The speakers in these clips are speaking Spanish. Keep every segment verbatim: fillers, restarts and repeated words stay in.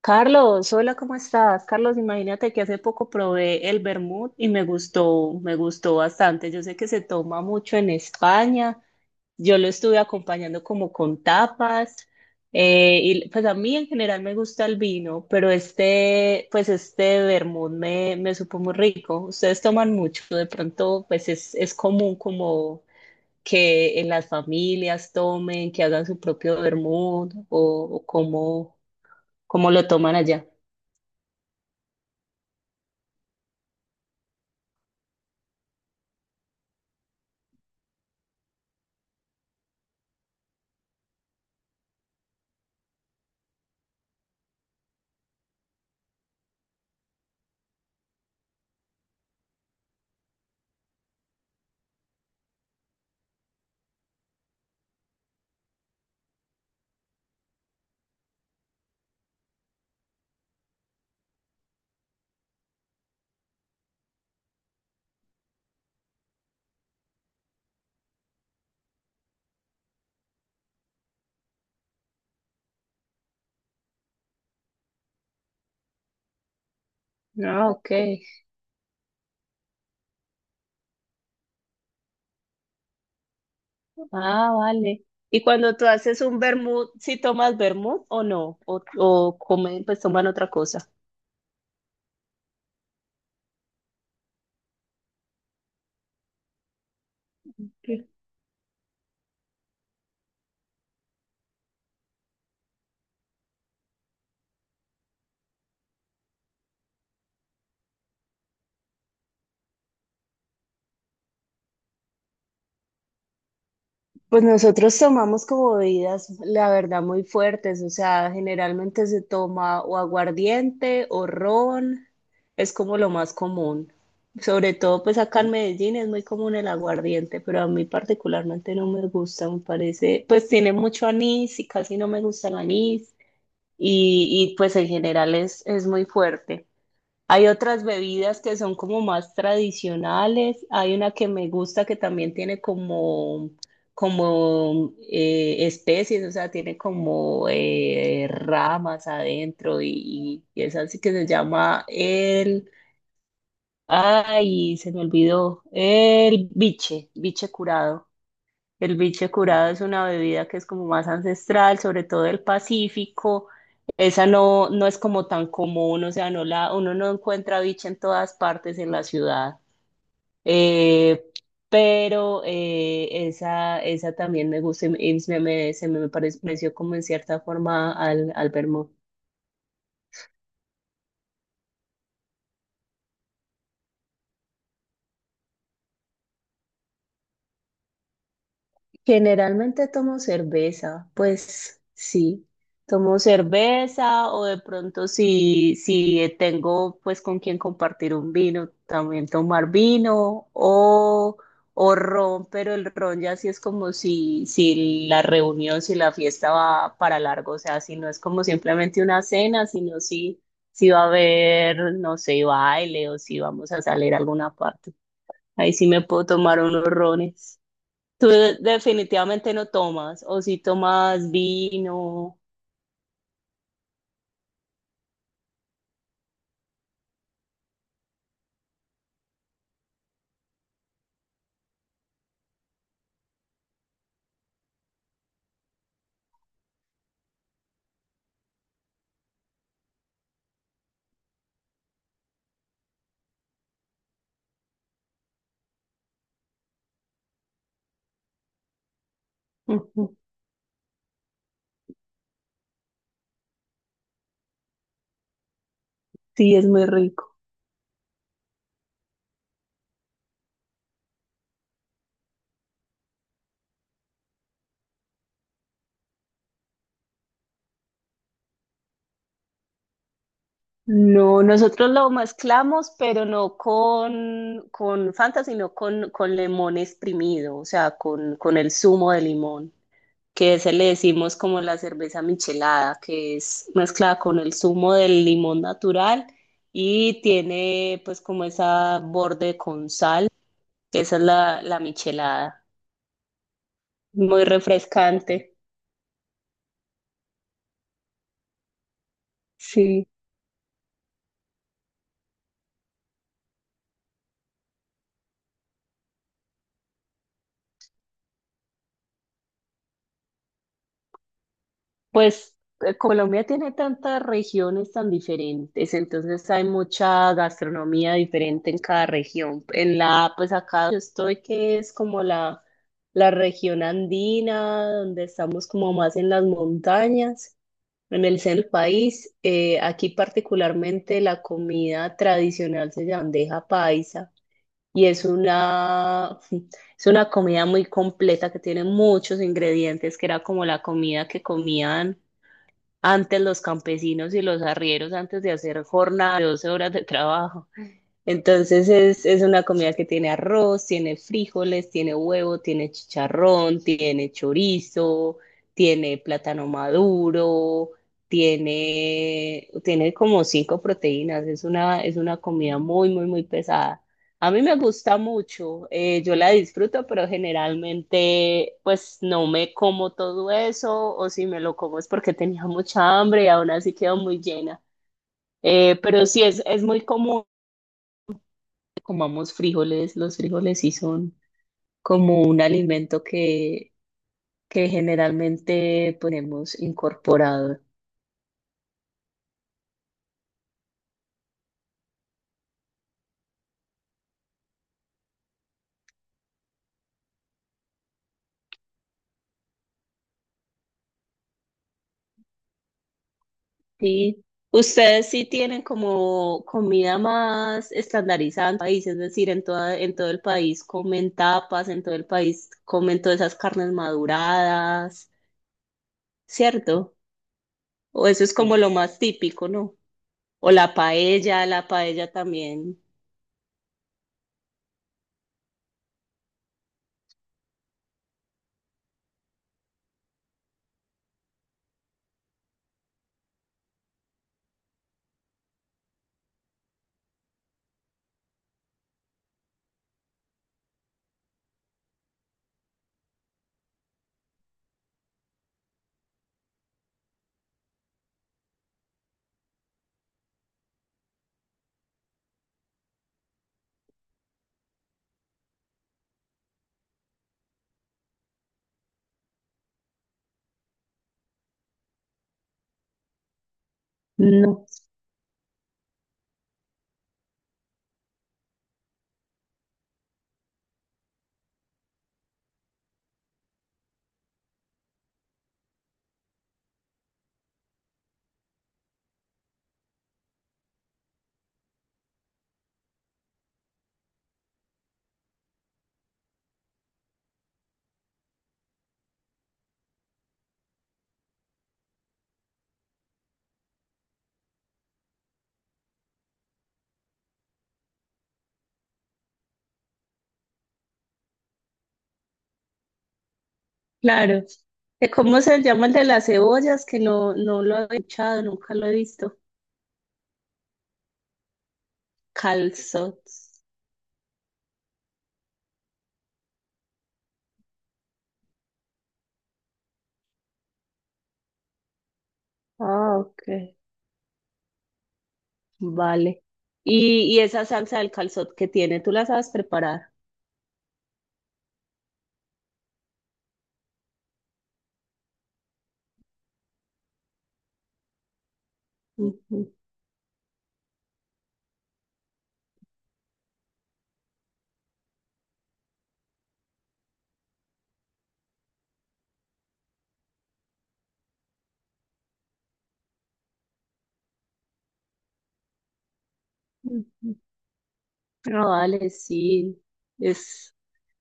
Carlos, hola, ¿cómo estás? Carlos, imagínate que hace poco probé el vermut y me gustó, me gustó bastante. Yo sé que se toma mucho en España. Yo lo estuve acompañando como con tapas. Eh, y pues a mí en general me gusta el vino, pero este, pues este vermut me, me supo muy rico. Ustedes toman mucho, de pronto, pues es, es común como que en las familias tomen, que hagan su propio vermut o, o cómo, cómo lo toman allá. Ah, ok. Ah, vale. Y cuando tú haces un vermut, ¿sí tomas vermut o no? O, o comen, pues toman otra cosa. Pues nosotros tomamos como bebidas, la verdad, muy fuertes, o sea, generalmente se toma o aguardiente o ron, es como lo más común. Sobre todo, pues acá en Medellín es muy común el aguardiente, pero a mí particularmente no me gusta, me parece, pues tiene mucho anís y casi no me gusta el anís. Y, y, pues en general es, es muy fuerte. Hay otras bebidas que son como más tradicionales. Hay una que me gusta que también tiene como, como eh, especies, o sea, tiene como eh, ramas adentro y, y es así que se llama el... Ay, se me olvidó. El biche, biche curado. El biche curado es una bebida que es como más ancestral, sobre todo del Pacífico. Esa no, no es como tan común, o sea, no la, uno no encuentra biche en todas partes en la ciudad. Eh, pero eh, esa, esa también me gusta y me, y me- me- se me pareció como en cierta forma al, al vermo-. Generalmente tomo cerveza, pues sí, tomo cerveza o de pronto si, si tengo pues con quien compartir un vino, también tomar vino o, o ron, pero el ron ya sí es como si, si la reunión, si la fiesta va para largo, o sea, si no es como simplemente una cena, sino si, si va a haber, no sé, baile o si vamos a salir a alguna parte. Ahí sí me puedo tomar unos rones. Tú de- definitivamente no tomas, o si tomas vino. Ujú. Sí, es muy rico. No, nosotros lo mezclamos, pero no con, con Fanta, sino con, con limón exprimido, o sea, con, con el zumo de limón, que se le decimos como la cerveza michelada, que es mezclada con el zumo del limón natural y tiene pues como esa borde con sal, esa es la, la michelada, muy refrescante. Sí. Pues eh, Colombia tiene tantas regiones tan diferentes, entonces hay mucha gastronomía diferente en cada región. En la, pues acá donde estoy, que es como la, la región andina, donde estamos como más en las montañas, en el centro del país. Eh, aquí particularmente la comida tradicional se llama bandeja paisa y es una, es una comida muy completa que tiene muchos ingredientes, que era como la comida que comían antes los campesinos y los arrieros antes de hacer jornadas de doce horas de trabajo. Entonces es, es una comida que tiene arroz, tiene frijoles, tiene huevo, tiene chicharrón, tiene chorizo, tiene plátano maduro, tiene, tiene como cinco proteínas. Es una, es una comida muy, muy, muy pesada. A mí me gusta mucho, eh, yo la disfruto, pero generalmente pues no me como todo eso o si me lo como es porque tenía mucha hambre y aún así quedo muy llena. Eh, pero sí es, es muy común comamos frijoles. Los frijoles sí son como un alimento que, que generalmente ponemos incorporado. Sí. Ustedes sí tienen como comida más estandarizada en el país, es decir, en toda, en todo el país comen tapas, en todo el país comen todas esas carnes maduradas, ¿cierto? O eso es como lo más típico, ¿no? O la paella, la paella también. No. Claro. Eh, ¿Cómo se llama el de las cebollas? Que no, no lo he escuchado, nunca lo he visto. Calzot. Ah, ok. Vale. Y, y esa salsa del calzot que tiene, ¿tú la sabes preparar? Ujú, ujú. Ah, vale, sí. Es,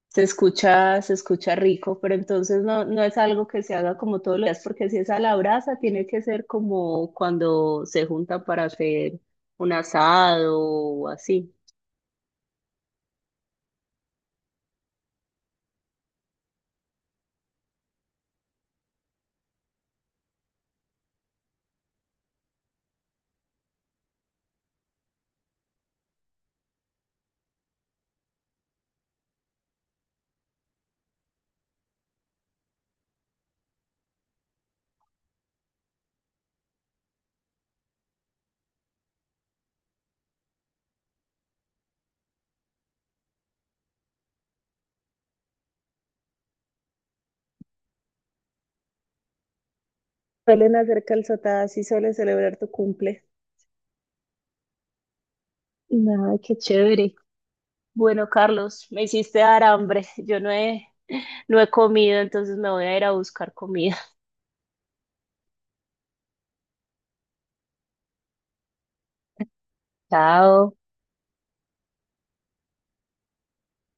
se escucha, se escucha rico, pero entonces no, no es algo que se haga como todos los días, porque si es a la brasa, tiene que ser como cuando se juntan para hacer un asado o así. Suelen hacer calzotadas y suelen celebrar tu cumple. Ay, qué chévere. Bueno, Carlos, me hiciste dar hambre. Yo no he, no he comido, entonces me voy a ir a buscar comida. Chao.